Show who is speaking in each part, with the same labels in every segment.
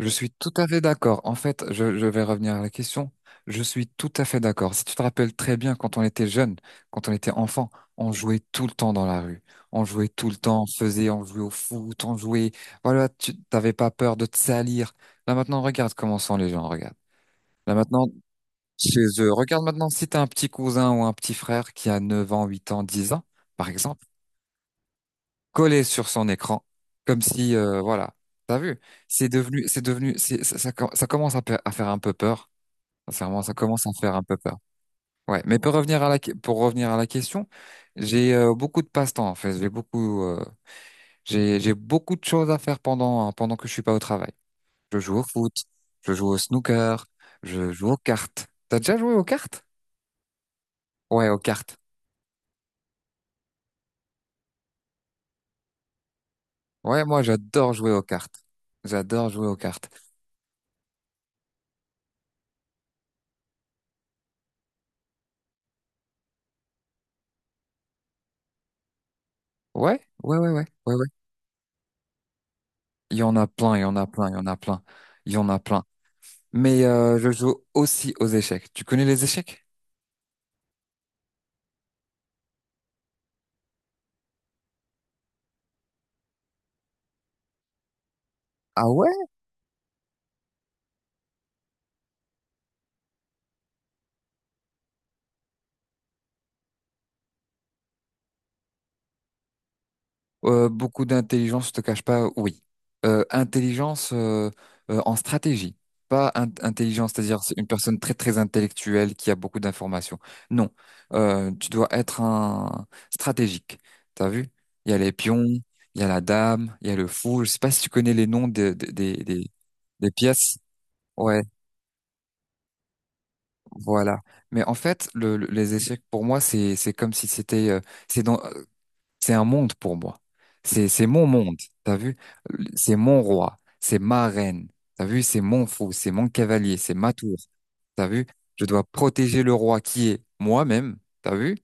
Speaker 1: Je suis tout à fait d'accord. En fait, je vais revenir à la question. Je suis tout à fait d'accord. Si tu te rappelles très bien, quand on était jeune, quand on était enfant, on jouait tout le temps dans la rue. On jouait tout le temps, on faisait, on jouait au foot, on jouait. Voilà, tu t'avais pas peur de te salir. Là maintenant, regarde comment sont les gens, regarde. Là maintenant, chez eux, regarde maintenant si t'as un petit cousin ou un petit frère qui a 9 ans, 8 ans, 10 ans, par exemple collé sur son écran, comme si, voilà, t'as vu, c'est devenu, ça commence à, à faire un peu peur. Sincèrement, ça commence à faire un peu peur. Ouais, mais pour revenir à la, pour revenir à la question, j'ai beaucoup de passe-temps en fait. J'ai beaucoup, j'ai beaucoup de choses à faire pendant que je suis pas au travail. Je joue au foot, je joue au snooker, je joue aux cartes. T'as déjà joué aux cartes? Ouais, aux cartes. Ouais, moi j'adore jouer aux cartes. J'adore jouer aux cartes. Ouais, ouais, ouais, ouais, ouais, ouais. Il y en a plein, il y en a plein, il y en a plein, il y en a plein. Mais je joue aussi aux échecs. Tu connais les échecs? Ah ouais? Beaucoup d'intelligence, je te cache pas, oui. Intelligence En stratégie, pas intelligence, c'est-à-dire c'est une personne très très intellectuelle qui a beaucoup d'informations. Non. Tu dois être un stratégique. T'as vu? Il y a les pions, il y a la dame, il y a le fou. Je sais pas si tu connais les noms des des pièces. Ouais, voilà. Mais en fait, les échecs pour moi, c'est comme si c'était c'est dans euh, c'est un monde pour moi. C'est mon monde. T'as vu? C'est mon roi. C'est ma reine. T'as vu? C'est mon fou. C'est mon cavalier. C'est ma tour. T'as vu? Je dois protéger le roi qui est moi-même. T'as vu?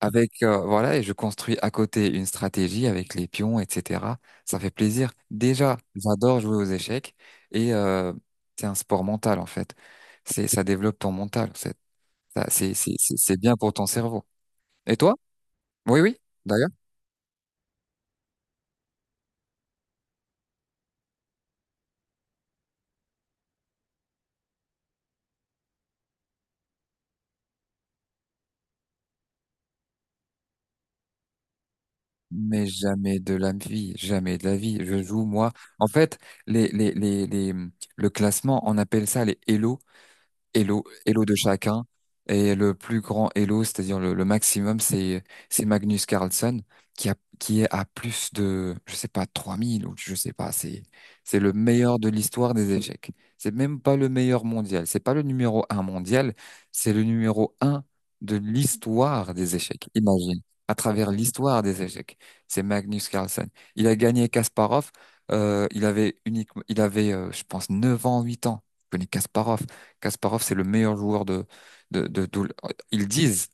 Speaker 1: Avec voilà et je construis à côté une stratégie avec les pions, etc. Ça fait plaisir. Déjà, j'adore jouer aux échecs et c'est un sport mental en fait. C'est Ça développe ton mental. C'est bien pour ton cerveau. Et toi? Oui, oui, d'ailleurs. Mais jamais de la vie, jamais de la vie. Je joue, moi. En fait, les, les, les, les, le classement, on appelle ça les Elo. Elo, Elo de chacun. Et le plus grand Elo, c'est-à-dire le maximum, c'est Magnus Carlsen qui est à plus de je sais pas 3000 ou je sais pas. C'est le meilleur de l'histoire des échecs. C'est même pas le meilleur mondial, c'est pas le numéro un mondial, c'est le numéro un de l'histoire des échecs. Imagine, à travers l'histoire des échecs, c'est Magnus Carlsen. Il a gagné Kasparov, il avait uniquement il avait je pense 9 ans, 8 ans. Je connais Kasparov. Kasparov, c'est le meilleur joueur tout Ils disent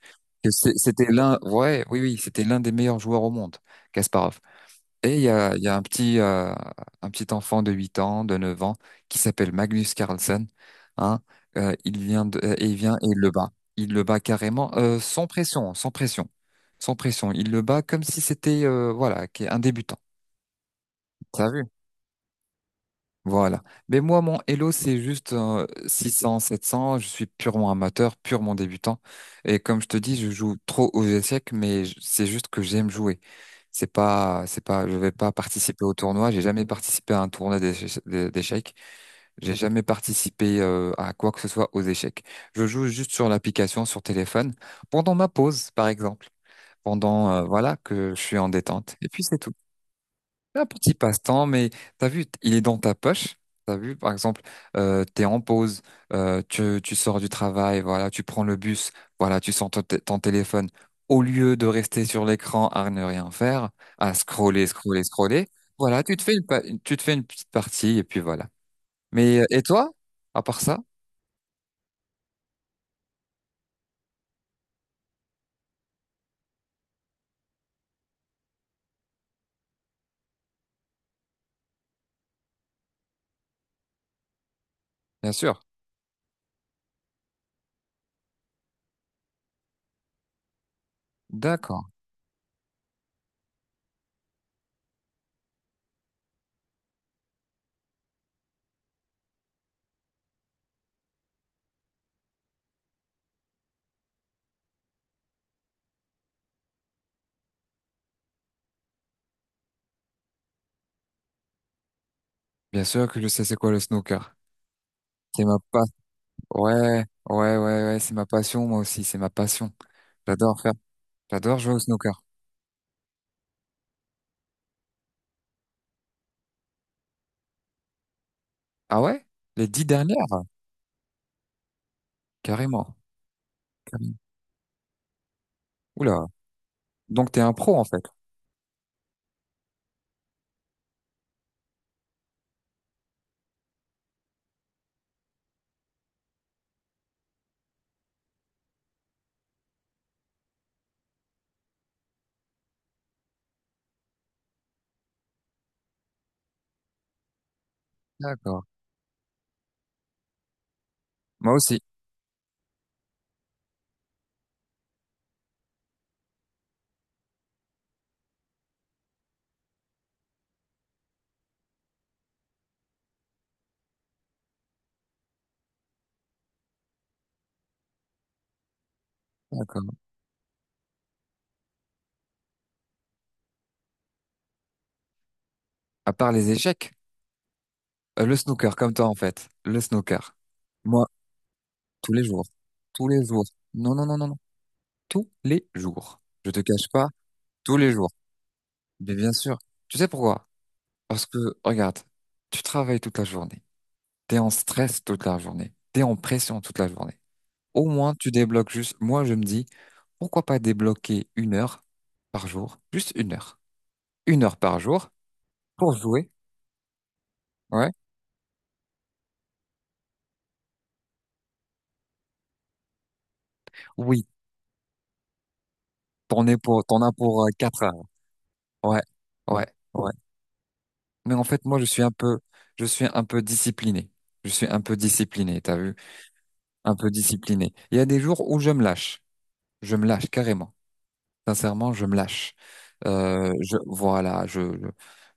Speaker 1: que c'était l'un, ouais, oui, oui, c'était l'un des meilleurs joueurs au monde, Kasparov. Et il y a un petit enfant de 8 ans, de 9 ans, qui s'appelle Magnus Carlsen, hein, il vient et il le bat. Il le bat carrément, sans pression, sans pression, sans pression. Il le bat comme si c'était, voilà, un débutant. T'as vu? Voilà. Mais moi, mon Elo, c'est juste 600, 700. Je suis purement amateur, purement débutant. Et comme je te dis, je joue trop aux échecs, mais c'est juste que j'aime jouer. C'est pas, je vais pas participer au tournoi. J'ai jamais participé à un tournoi d'échecs. J'ai jamais participé à quoi que ce soit aux échecs. Je joue juste sur l'application, sur téléphone, pendant ma pause, par exemple. Pendant, voilà, que je suis en détente. Et puis c'est tout. Un petit passe-temps, mais t'as vu, il est dans ta poche. T'as vu, par exemple, t'es en pause, tu sors du travail, voilà, tu prends le bus, voilà, tu sors ton, ton téléphone. Au lieu de rester sur l'écran à ne rien faire, à scroller, scroller, scroller, voilà, tu te fais une, tu te fais une petite partie et puis voilà. Mais et toi, à part ça? Bien sûr. D'accord. Bien sûr que je sais c'est quoi le snooker. C'est ma passion. Ouais, ouais, ouais, ouais, c'est ma passion, moi aussi, c'est ma passion. J'adore faire. J'adore jouer au snooker. Ah ouais? Les 10 dernières? Carrément. Carrément. Oula. Donc t'es un pro en fait. D'accord. Moi aussi. D'accord. À part les échecs. Le snooker, comme toi en fait. Le snooker. Moi, tous les jours. Tous les jours. Non, non, non, non, non. Tous les jours. Je te cache pas, tous les jours. Mais bien sûr. Tu sais pourquoi? Parce que, regarde, tu travailles toute la journée. T'es en stress toute la journée. T'es en pression toute la journée. Au moins, tu débloques juste. Moi, je me dis, pourquoi pas débloquer une heure par jour? Juste une heure. Une heure par jour pour jouer. Ouais. Oui. T'en es pour, t'en as pour 4 heures. Ouais. Ouais. Ouais. Mais en fait, moi, je suis un peu discipliné. Je suis un peu discipliné, t'as vu? Un peu discipliné. Il y a des jours où je me lâche. Je me lâche carrément. Sincèrement, je me lâche. Voilà, je,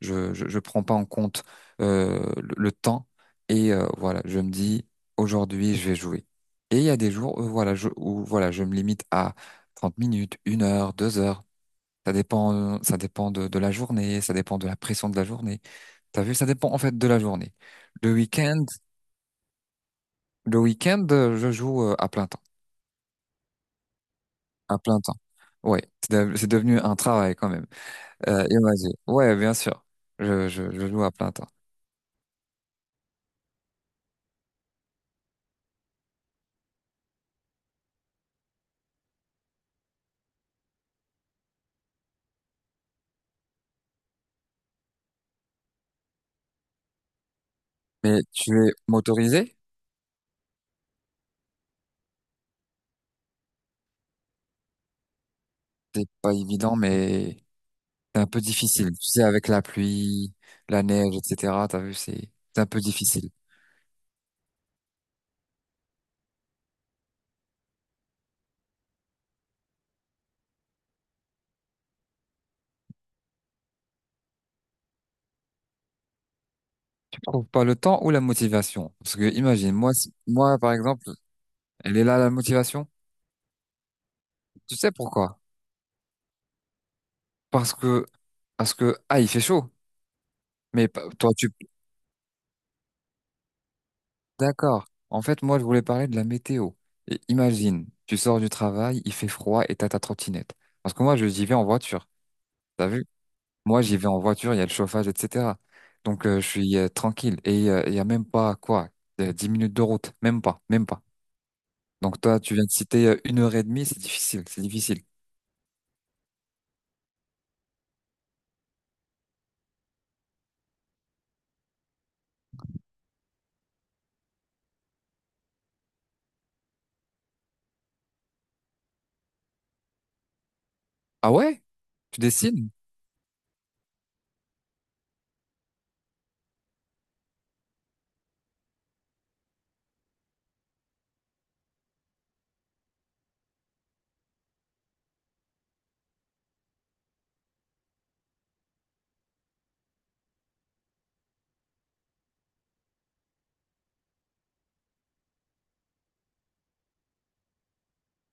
Speaker 1: je, je, je je prends pas en compte le temps et voilà, je me dis aujourd'hui, je vais jouer. Et il y a des jours où voilà, je me limite à 30 minutes, 1 heure, 2 heures. Ça dépend de la journée, ça dépend de la pression de la journée. T'as vu, ça dépend en fait de la journée. Le week-end, le week-end, je joue à plein temps, à plein temps. Ouais, c'est c'est devenu un travail quand même. Imagine. Ouais, bien sûr. Je joue à plein temps. Mais tu es motorisé? C'est pas évident, mais c'est un peu difficile. Tu sais, avec la pluie, la neige, etc. T'as vu, c'est un peu difficile. Tu trouves pas le temps ou la motivation? Parce que imagine, moi, moi par exemple, elle est là la motivation. Tu sais pourquoi? Parce que parce que ah, il fait chaud. Mais toi, tu... D'accord. En fait, moi, je voulais parler de la météo. Et imagine, tu sors du travail, il fait froid et t'as ta trottinette. Parce que moi, je j'y vais en voiture. T'as vu? Moi, j'y vais en voiture, il y a le chauffage, etc. Donc, je suis tranquille. Et il y a même pas, quoi, 10 minutes de route. Même pas, même pas. Donc, toi, tu viens de citer 1 h 30, c'est difficile, c'est difficile. Ah ouais? Tu dessines?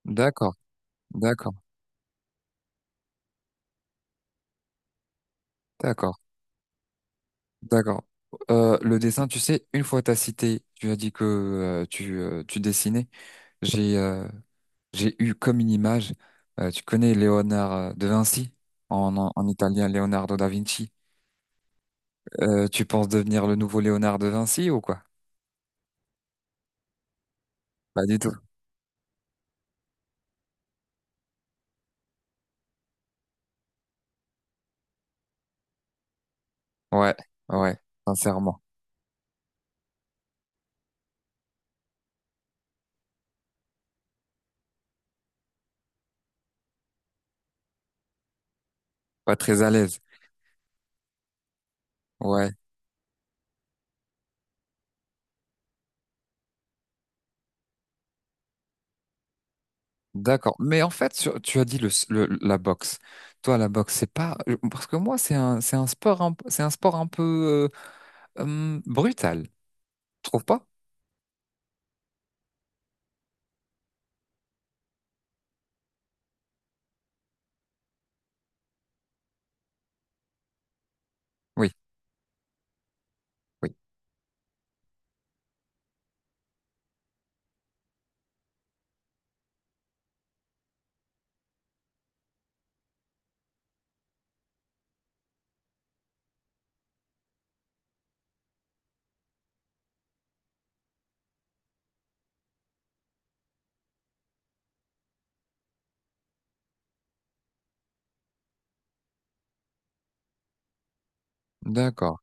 Speaker 1: D'accord, d'accord, d'accord. D'accord. Le dessin, tu sais, une fois t'as cité, tu as dit que tu dessinais. J'ai euh, j'ai eu comme une image. Tu connais Léonard de Vinci, en, en italien, Leonardo da Vinci. Tu penses devenir le nouveau Léonard de Vinci ou quoi? Pas du tout. Ouais, ouais, sincèrement, pas très à l'aise. Ouais, d'accord. Mais en fait, tu as dit la boxe. Toi, la boxe, c'est pas parce que moi, c'est un c'est un sport un peu brutal. Tu trouves pas? Oui, oui, d'accord.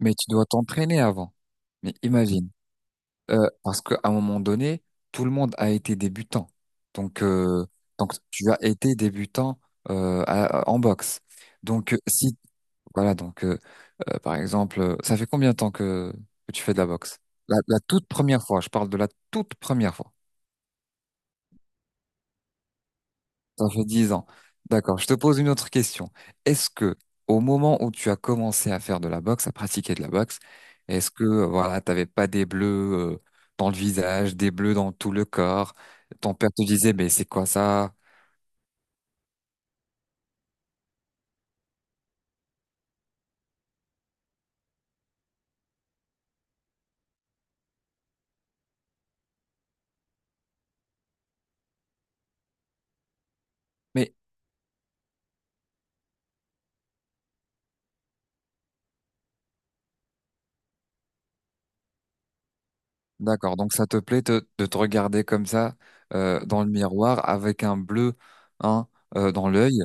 Speaker 1: Mais tu dois t'entraîner avant. Mais imagine, parce qu'à un moment donné, tout le monde a été débutant. Donc, euh, donc tu as été débutant en boxe. Donc, si, voilà, donc, par exemple, ça fait combien de temps que tu fais de la boxe? La toute première fois, je parle de la toute première fois. Ça fait 10 ans. D'accord. Je te pose une autre question. Est-ce que, au moment où tu as commencé à faire de la boxe, à pratiquer de la boxe, est-ce que, voilà, t'avais pas des bleus, euh, dans le visage, des bleus dans tout le corps? Ton père te disait, mais c'est quoi ça? Mais, d'accord. Donc, ça te plaît de te regarder comme ça, dans le miroir avec un bleu, hein, dans l'œil?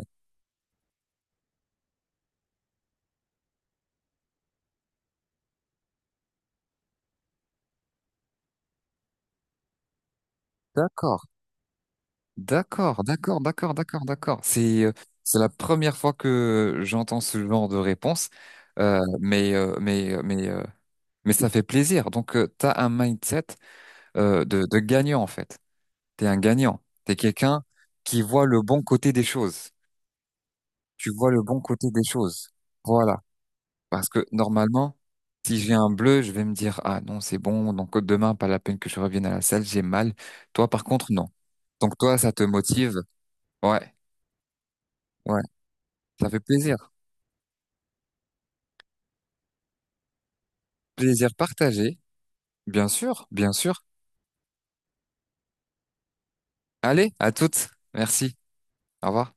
Speaker 1: D'accord. D'accord, d'accord, d'accord, d'accord, d'accord. C'est la première fois que j'entends ce genre de réponse. Euh, mais euh, mais euh, mais euh, mais ça fait plaisir. Donc t'as un mindset de gagnant en fait. T'es un gagnant. T'es quelqu'un qui voit le bon côté des choses. Tu vois le bon côté des choses. Voilà. Parce que normalement, si j'ai un bleu, je vais me dire ah non c'est bon. Donc demain pas la peine que je revienne à la salle, j'ai mal. Toi par contre non. Donc toi ça te motive. Ouais. Ouais. Ça fait plaisir. Plaisir partagé. Bien sûr, bien sûr. Allez, à toutes. Merci. Au revoir.